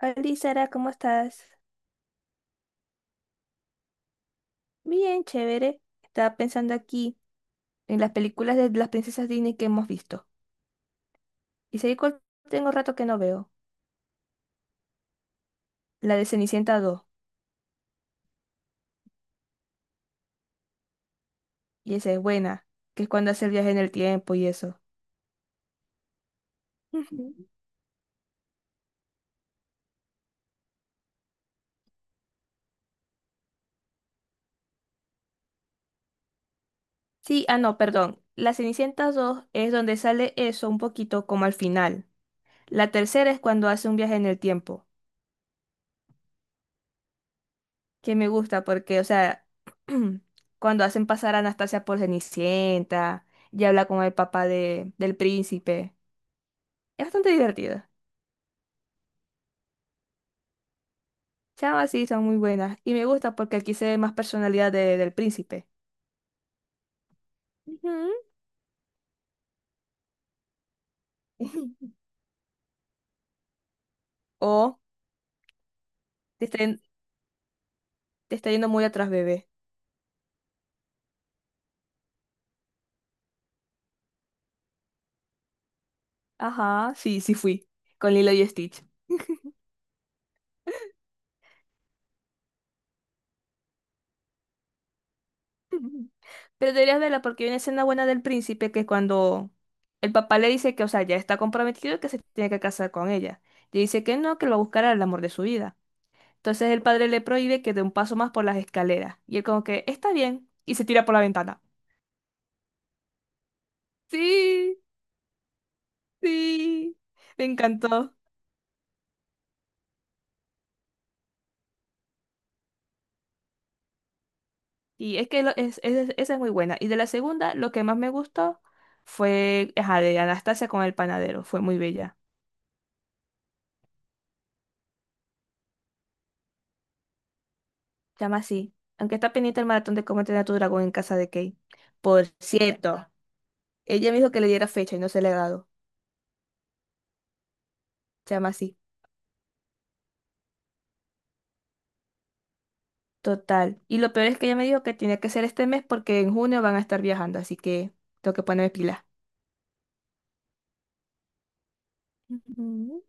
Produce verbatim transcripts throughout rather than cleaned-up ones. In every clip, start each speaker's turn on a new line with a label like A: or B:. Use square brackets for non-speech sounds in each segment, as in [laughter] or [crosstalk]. A: Hola, Sara, ¿cómo estás? Bien, chévere. Estaba pensando aquí en las películas de las princesas Disney que hemos visto. Y sé cuál tengo rato que no veo. La de Cenicienta dos. Y esa es buena, que es cuando hace el viaje en el tiempo y eso. Ujú. Sí, ah, no, perdón. La Cenicienta dos es donde sale eso un poquito como al final. La tercera es cuando hace un viaje en el tiempo, que me gusta porque, o sea, [clears throat] cuando hacen pasar a Anastasia por Cenicienta y habla con el papá de, del príncipe. Es bastante divertida. Chamas sí son muy buenas. Y me gusta porque aquí se ve más personalidad de- del príncipe. Ujú. [laughs] O te está, yen- te está yendo muy atrás, bebé. Ajá, sí, sí fui. Con Lilo y Stitch. [laughs] Pero deberías verla porque hay una escena buena del príncipe que es cuando el papá le dice que, o sea, ya está comprometido y que se tiene que casar con ella. Le dice que no, que lo buscará el amor de su vida. Entonces el padre le prohíbe que dé un paso más por las escaleras. Y él como que, está bien. Y se tira por la ventana. Sí. Sí, me encantó. Y es que lo- es, es- esa es muy buena. Y de la segunda, lo que más me gustó fue, ajá, de Anastasia con el panadero. Fue muy bella. Se llama así. Aunque está pendiente el maratón de cómo entrenar a tu dragón en casa de Kate. Por cierto, ella me dijo que le diera fecha y no se le ha dado. Se llama así. Total. Y lo peor es que ella me dijo que tenía que ser este mes porque en junio van a estar viajando. Así que tengo que ponerme pilas. Ujú.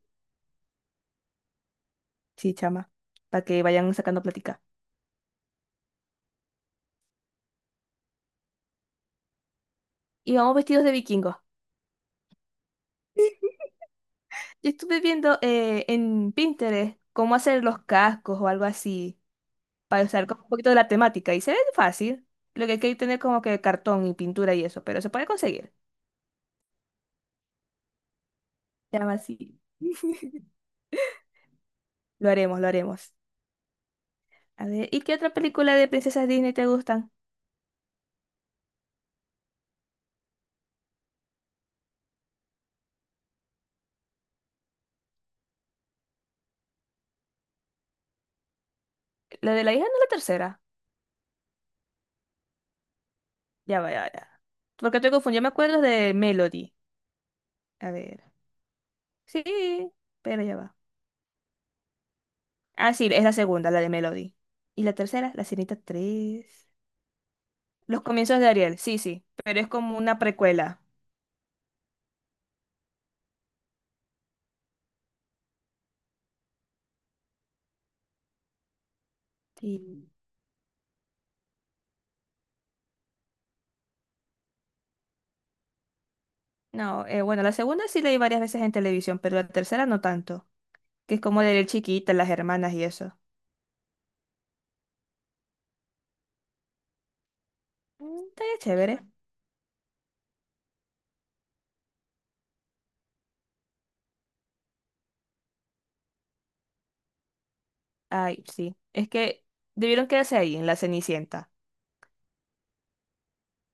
A: Sí, chama. Para que vayan sacando plática. Y vamos vestidos de vikingos. Yo estuve viendo eh, en Pinterest cómo hacer los cascos o algo así, para usar como un poquito de la temática. Y se ve fácil. Lo que hay que tener como que cartón y pintura y eso, pero se puede conseguir. Se llama así. [laughs] Lo haremos, lo haremos. A ver, ¿y qué otra película de princesas Disney te gustan? ¿La de la hija no es la tercera? Ya va, ya, ya. Porque estoy confundida me acuerdo de Melody. A ver. Sí, pero ya va. Ah, sí, es la segunda, la de Melody. ¿Y la tercera? La Sirenita tres. Los comienzos de Ariel, sí, sí, pero es como una precuela. Sí. No, eh, bueno, la segunda sí leí varias veces en televisión, pero la tercera no tanto, que es como de Ariel chiquita, las hermanas y eso. Mm, estaría chévere. Ay, sí, es que debieron quedarse ahí, en la Cenicienta.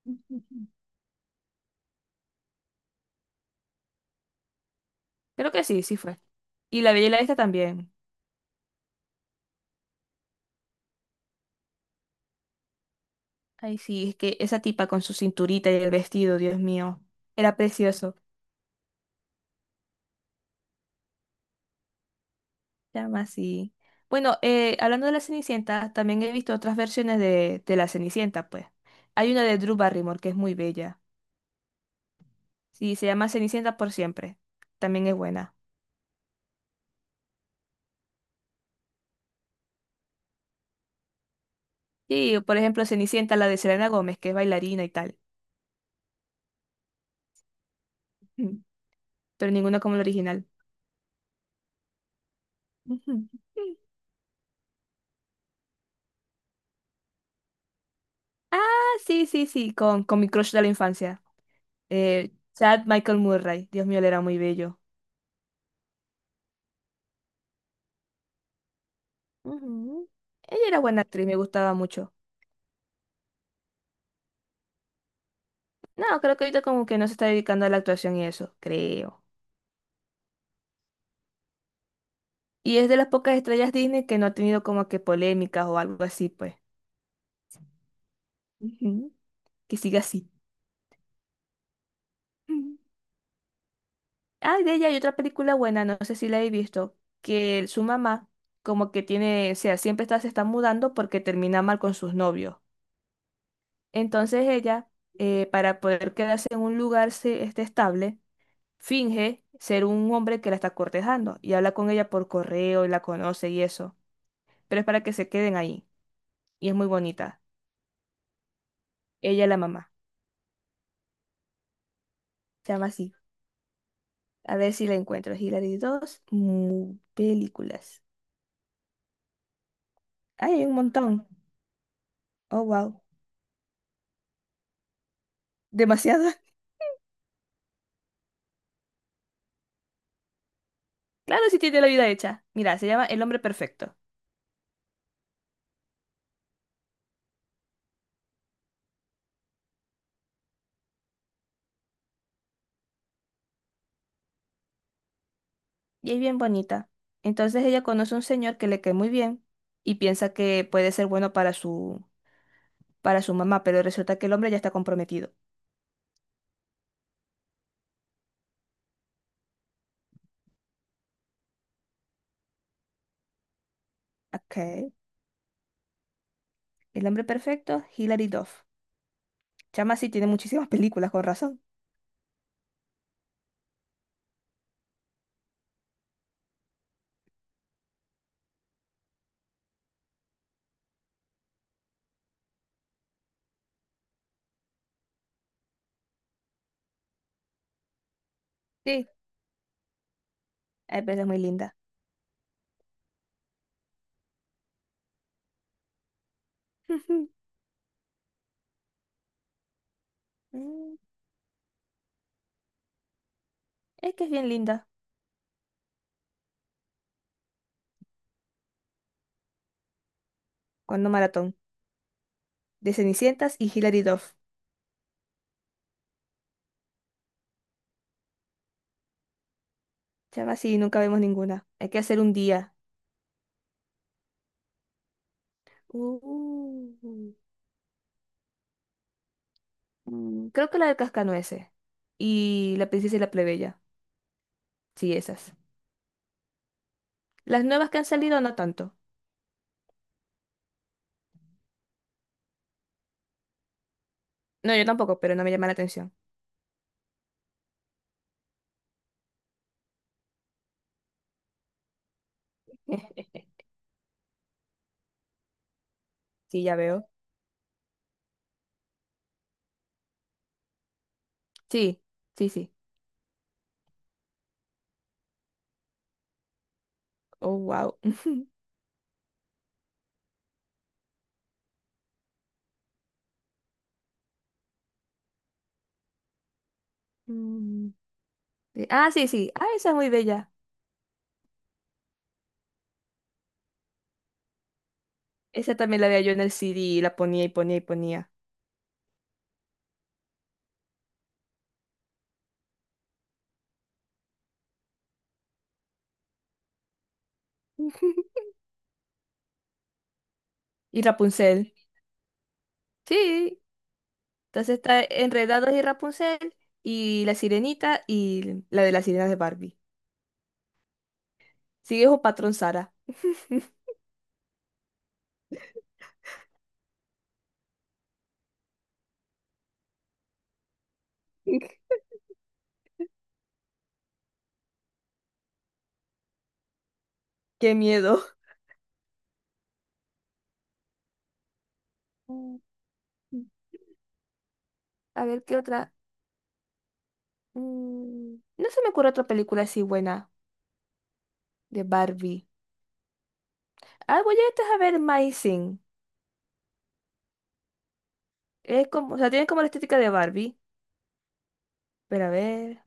A: [laughs] Creo que sí, sí fue. Y la Bella y la Bestia también. Ay, sí, es que esa tipa con su cinturita y el vestido, Dios mío, era precioso. Llama así. Bueno, eh, hablando de la Cenicienta, también he visto otras versiones de, de la Cenicienta, pues. Hay una de Drew Barrymore que es muy bella. Sí, se llama Cenicienta por siempre. También es buena. Y, por ejemplo, Cenicienta, la de Selena Gómez, que es bailarina y tal. Ujú. Pero ninguna como la original. Ujú. Ah, sí, sí, sí, con, con mi crush de la infancia. Eh, Chad Michael Murray. Dios mío, él era muy bello. Ujú. Ella era buena actriz, me gustaba mucho. No, creo que ahorita como que no se está dedicando a la actuación y eso, creo. Y es de las pocas estrellas Disney que no ha tenido como que polémicas o algo así, pues. Ujú. Que siga así. Ujú. Ah, de ella hay otra película buena, no sé si la he visto, que su mamá como que tiene, o sea, siempre está, se está mudando porque termina mal con sus novios. Entonces ella, eh, para poder quedarse en un lugar se- este, estable, finge ser un hombre que la está cortejando y habla con ella por correo y la conoce y eso, pero es para que se queden ahí. Y es muy bonita. Ella la mamá. Se llama así. A ver si la encuentro. Hilary dos, mu- películas. Ay, hay un montón. Oh, wow. Demasiada. [laughs] Claro, si tiene la vida hecha. Mira, se llama El hombre perfecto. Y es bien bonita. Entonces ella conoce a un señor que le cae muy bien y piensa que puede ser bueno para su, para su mamá, pero resulta que el hombre ya está comprometido. Ok. El hombre perfecto, Hilary Duff. Chama sí tiene muchísimas [laughs] películas, con razón. Sí, ay, pero es muy linda. [laughs] Mm, es que es bien linda. Cuando maratón. De Cenicientas y Hilary Duff. Chama, sí, nunca vemos ninguna. Hay que hacer un día. Uh, mm, creo que la del Cascanueces. Y la princesa y la plebeya. Sí, esas. Las nuevas que han salido, no tanto. No, yo tampoco, pero no me llama la atención. [laughs] Sí, ya veo. Sí, sí, sí. Oh, wow. [laughs] Mm, sí. Ah, sí, sí. Ah, esa es muy bella. Esa también la veía yo en el C D y la ponía y ponía y ponía. [laughs] Y Rapunzel. Sí, entonces está Enredados y Rapunzel y La Sirenita y la de las sirenas de Barbie. Sigue un patrón Sara. [laughs] Qué miedo. Mm, a ver, ¿qué otra? Mm, no se me ocurre otra película así buena de Barbie. Ah, voy a a ver My Sing. Es como, o sea, tienen como la estética de Barbie. Pero a ver.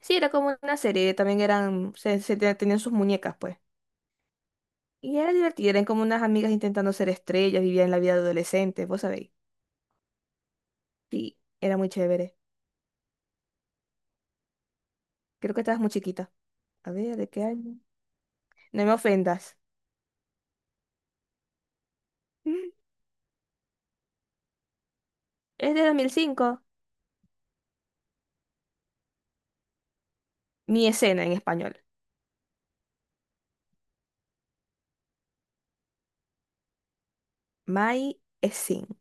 A: Sí, era como una serie. También eran, se, se te- tenían sus muñecas, pues. Y era divertida. Eran como unas amigas intentando ser estrellas. Vivían la vida de adolescente, vos sabéis. Sí, era muy chévere. Creo que estabas muy chiquita. A ver, ¿de qué año? No me ofendas. [laughs] Es de dos mil cinco. Mi escena en español. My scene.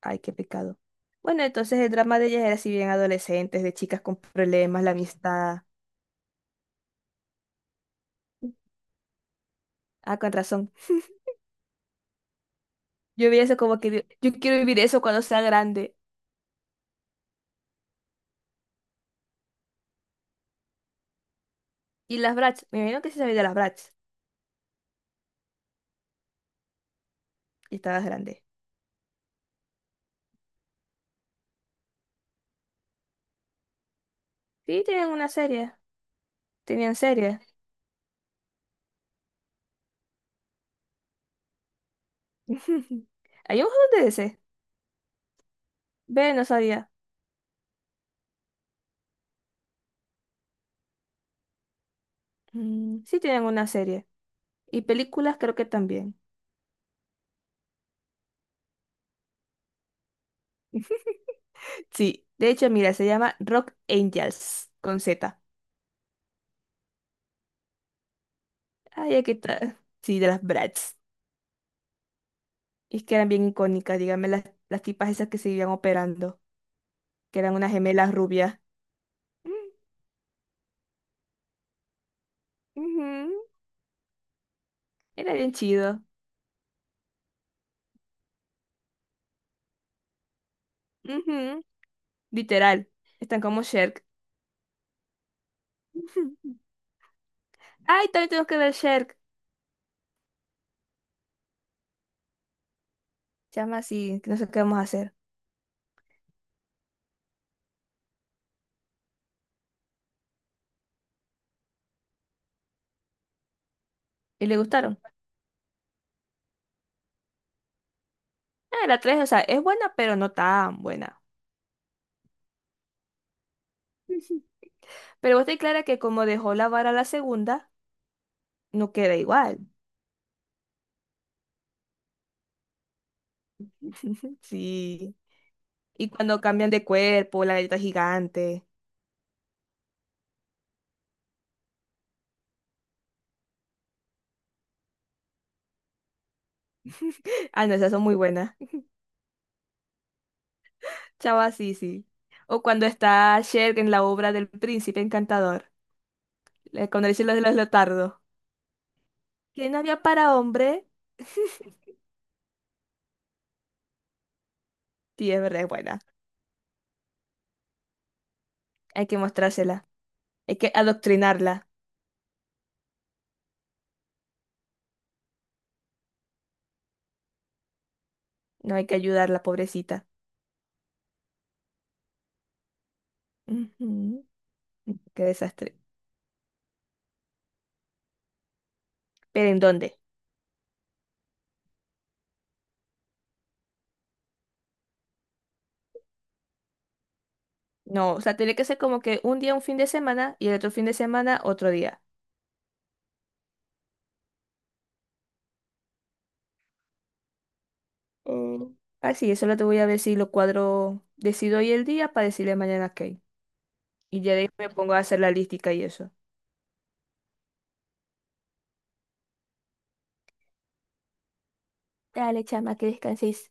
A: Ay, qué pecado. Bueno, entonces el drama de ellas era así bien adolescentes, de chicas con problemas, la amistad. Ah, con razón. Yo vi eso como que digo, yo quiero vivir eso cuando sea grande. Y las Bratz, me imagino que sí sabía de las Bratz. Y estabas grande. Sí, tenían una serie. Tenían serie. [laughs] ¿Hay un juego de ese? Ve, no sabía. Mm, sí, tenían una serie. Y películas creo que también. Sí, de hecho, mira, se llama Rock Angels con Z. Ay, aquí está. Sí, de las Bratz. Es que eran bien icónicas, dígame, las, las tipas esas que se iban operando, que eran unas gemelas rubias. Mm, ujú, era bien chido. Ujú, literal. Están como Sherk. [laughs] Ujú. Ay, también tenemos que ver Sherk. Llama así, que no sé qué vamos a hacer. ¿Y le gustaron? Ah, la tres, o sea, es buena, pero no tan buena. [laughs] Ujú. Pero vos te clara que como dejó la vara a la segunda, no queda igual. [laughs] Sí. Y cuando cambian de cuerpo, la letra gigante. [laughs] Ah, no, esas son muy buenas. Chava, sí, sí. O cuando está Cher en la obra del Príncipe Encantador. le- Cuando dice lo de los leotardos. Que no había para hombre. Sí, es verdad, es buena. Hay que mostrársela. Hay que adoctrinarla. No hay que ayudarla, pobrecita. Ujú. Qué desastre. ¿Pero en dónde? No, o sea, tiene que ser como que un día un fin de semana y el otro fin de semana otro día. Eh, ah, sí, eso lo te voy a ver si lo cuadro, decido hoy el día para decirle mañana qué. Y ya de ahí me pongo a hacer la lística y eso. Dale, chama, que descanses.